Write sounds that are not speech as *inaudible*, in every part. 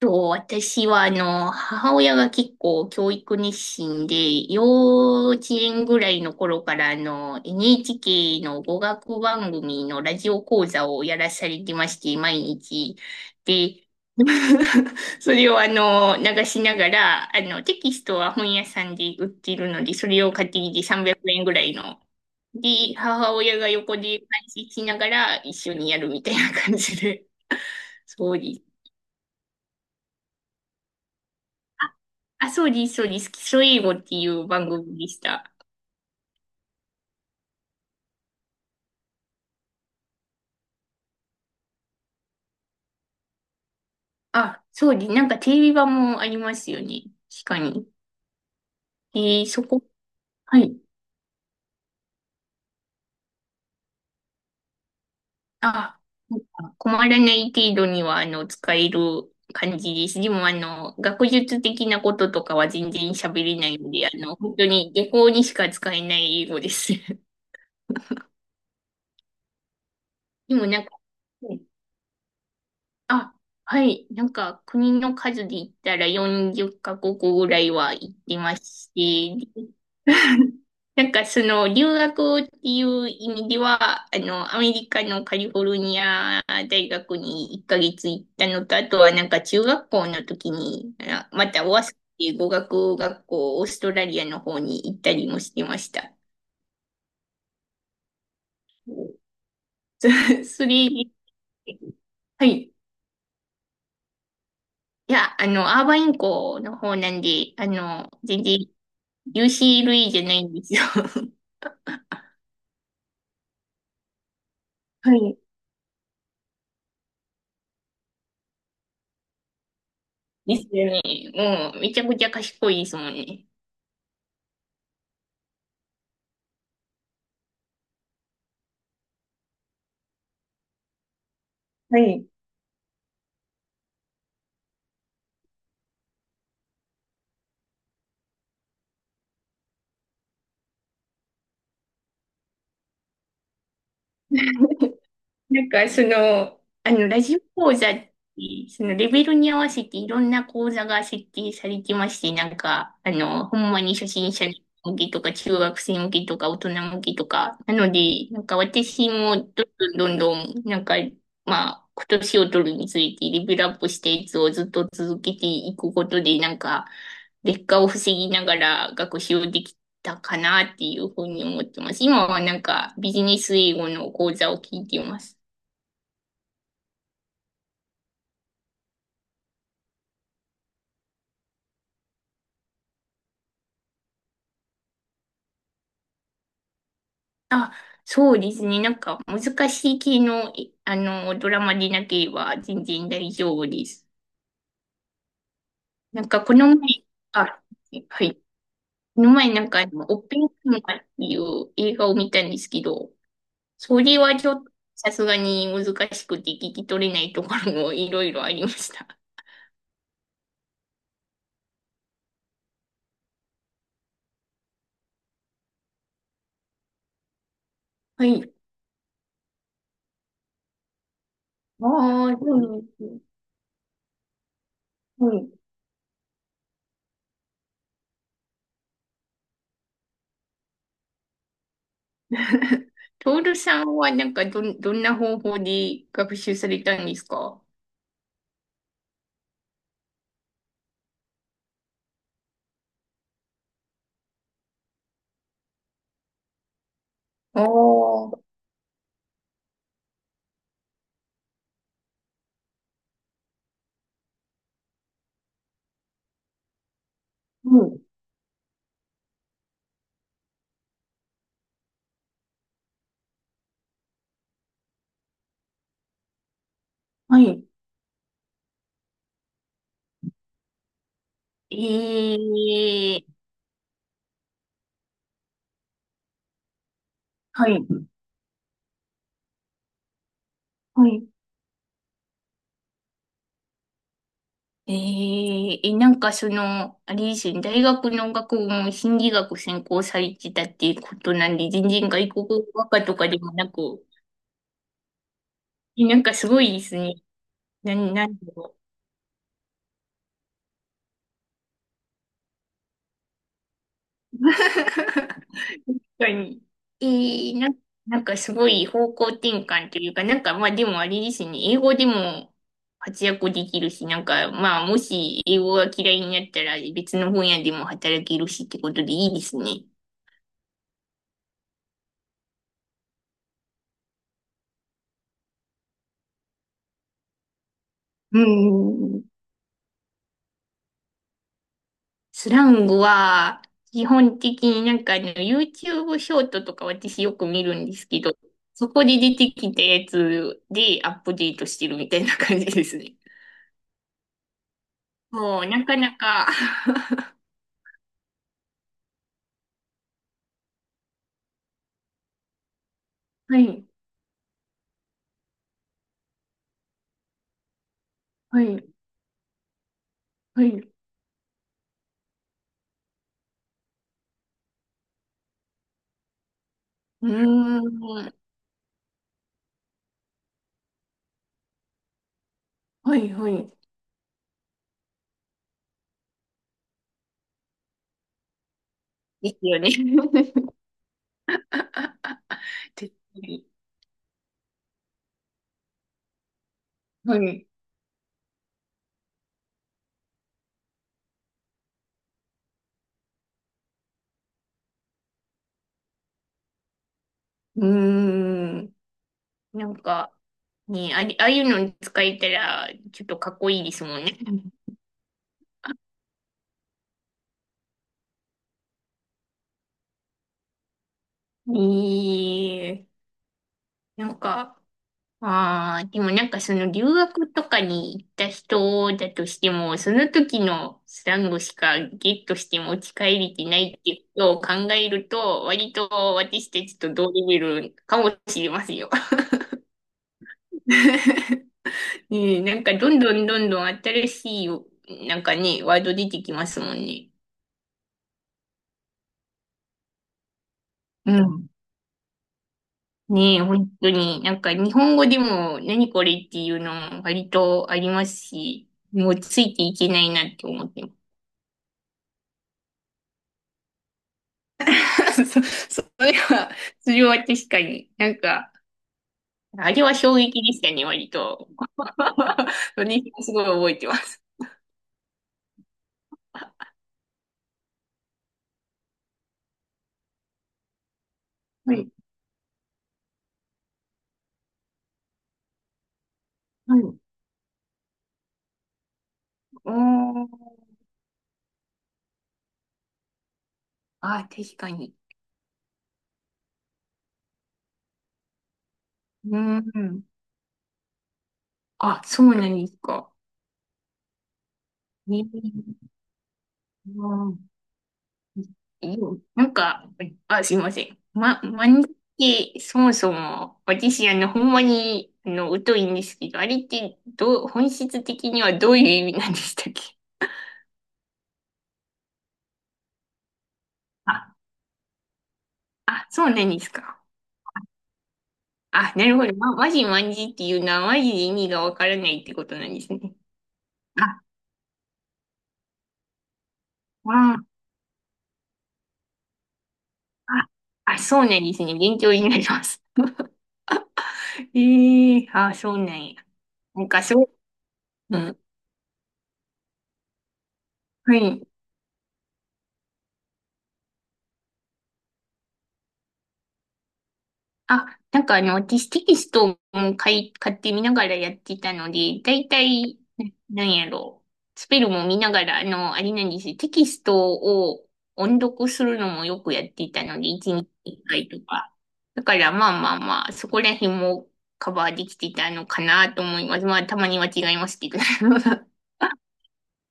私は、母親が結構教育熱心で、幼稚園ぐらいの頃から、NHK の語学番組のラジオ講座をやらされてまして、毎日。で、*laughs* それを流しながら、テキストは本屋さんで売っているので、それを買ってきて300円ぐらいの。で、母親が横で配信しながら一緒にやるみたいな感じで。*laughs* そうです。あ、そうです、そうです。基礎英語っていう番組でした。あ、そうです。なんかテレビ版もありますよね。確かに。えー、そこ、はい。あ、なんか困らない程度には、使える感じです。でも、学術的なこととかは全然喋れないので、本当に下校にしか使えない英語です。*laughs* でも、なんか、うん、あ、はい。なんか、国の数で言ったら40カ国ぐらいは行ってまして、なんかその留学っていう意味では、アメリカのカリフォルニア大学に1ヶ月行ったのと、あとはなんか中学校の時に、あまたオアスっていう語学学校、オーストラリアの方に行ったりもしてました。そ *laughs* それ、はい。いや、アーバイン校の方なんで、全然 UCLA じゃないんですよ。*laughs* はい。ですよね。もう、めちゃくちゃ賢いですもんね。はい。なんか、その、ラジオ講座って、そのレベルに合わせていろんな講座が設定されてまして、なんか、ほんまに初心者向けとか、中学生向けとか、大人向けとか、なので、なんか私もどんどんどんどん、なんか、まあ、今年を取るにつれてレベルアップしたやつをずっと続けていくことで、なんか、劣化を防ぎながら学習できたかなっていうふうに思ってます。今はなんかビジネス英語の講座を聞いています。あ、そうですね。なんか難しい系の、いあの、ドラマでなければ全然大丈夫です。なんかこの前、あ、はい。この前なんかオッペンハイマーっていう映画を見たんですけど、それはちょっとさすがに難しくて聞き取れないところもいろいろありました。はい。*laughs* ああ、そうですね。はい。*laughs* トールさんはなんかどんな方法で学習されたんですか？ああー、うん。はい。ええ、はい。はい。えええ、なんかその、あれですよね、大学の学部も心理学専攻されてたっていうことなんで、全然外国語学科とかでもなく、なんかすごいですね。なんだろう。*laughs* 確かに。ええ、なんかすごい方向転換というか、なんかまあでもあれですね、英語でも活躍できるし、なんかまあもし英語が嫌いになったら別の分野でも働けるしってことでいいですね。うん。スラングは、基本的になんかね、YouTube ショートとか私よく見るんですけど、そこで出てきたやつでアップデートしてるみたいな感じですね。もう、なかなか。 *laughs* はい、はい、はい。うーん、はい、はい。ですよね。*laughs* 絶対。はい。うーん。なんか、ね、あれ、ああいうのに使えたら、ちょっとかっこいいですもんね。ええ、なんか、ああ、でもなんかその留学とかに行った人だとしても、その時のスラングしかゲットして持ち帰れてないっていうことを考えると、割と私たちと同レベルかもしれませんよ。*laughs* ねえ、なんかどんどんどんどん新しい、なんかね、ワード出てきますもんね。うん。ねえ、本当に、なんか日本語でも何これっていうの割とありますし、もうついていけないなって思ってます。*laughs* そ、それは、それは確かに、なんか、あれは衝撃でしたね、割と。*laughs* 私もすごい覚えてます。はい。はい。おー。あ、確かに。うん。あ、そうなんですか。ねえ。うん。うなんか、あ、すいません。漫画ってそもそも、私、ほんまに、疎いんですけど、あれって、本質的にはどういう意味なんでしたっけ？あ、あ、そうなんですか。あ、なるほど。マジマンジっていうのは、マジで意味がわからないってことなんですね。あ、あ、あ、あ、そうなんですね。勉強になります。*laughs* ええ、あ、そうなんや。なんか、そう、うん。はい。あ、なんか私テキストも買ってみながらやってたので、だいたい、なんやろう。スペルも見ながら、あれなんですよ。テキストを音読するのもよくやっていたので、1日1回とか。だからまあまあまあ、そこら辺もカバーできてたのかなと思います。まあ、たまには違いますけど。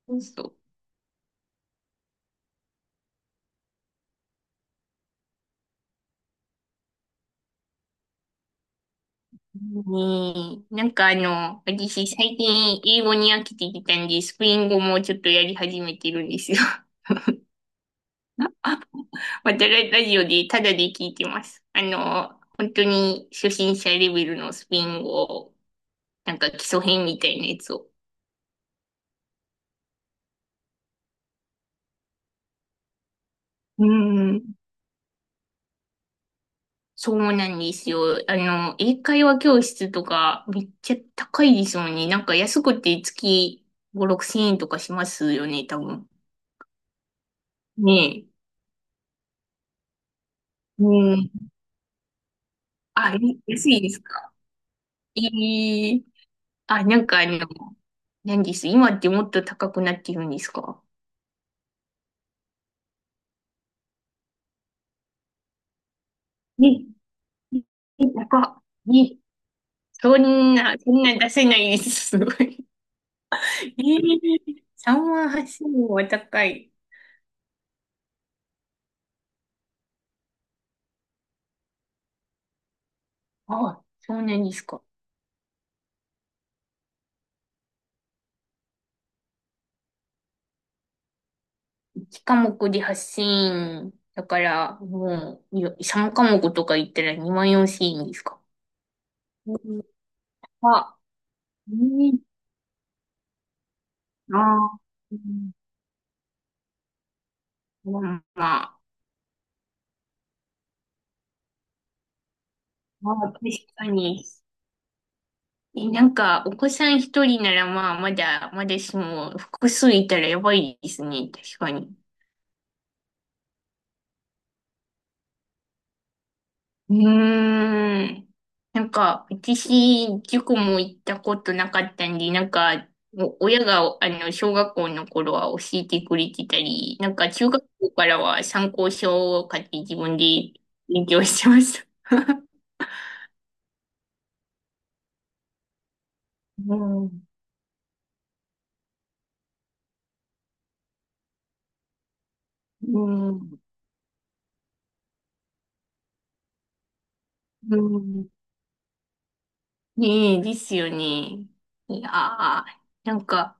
*laughs* そう、ねえ、なんか私最近英語に飽きてきたんで、スペイン語もちょっとやり始めてるんですよ。またララジオでタダで聞いてます。本当に初心者レベルのスペイン語、なんか基礎編みたいなやつを。うん。そうなんですよ。英会話教室とかめっちゃ高いですもんね。なんか安くて月5、6千円とかしますよね、多分。ねえ。うん。あ、安いですか？ええ、あ、なんか何です。今ってもっと高くなってるんですか？ね、え、高っ。ね、そんな出せないです。すごい。えー、3万8000は高い。あ、そうなんですか。1科目で8000だから、もう、3科目とか言ったら2万4000円ですか？うん、あ、うん、ああ、うん、まあ、まあ、まあ確かに。え、なんか、お子さん一人ならまあ、まだしも、複数いたらやばいですね。確かに。うーん。なんか、私、塾も行ったことなかったんで、なんか、お親が、小学校の頃は教えてくれてたり、なんか、中学校からは参考書を買って自分で勉強してました。*laughs* うん。うん。うん。ねえ、ですよね。いやー、なんか、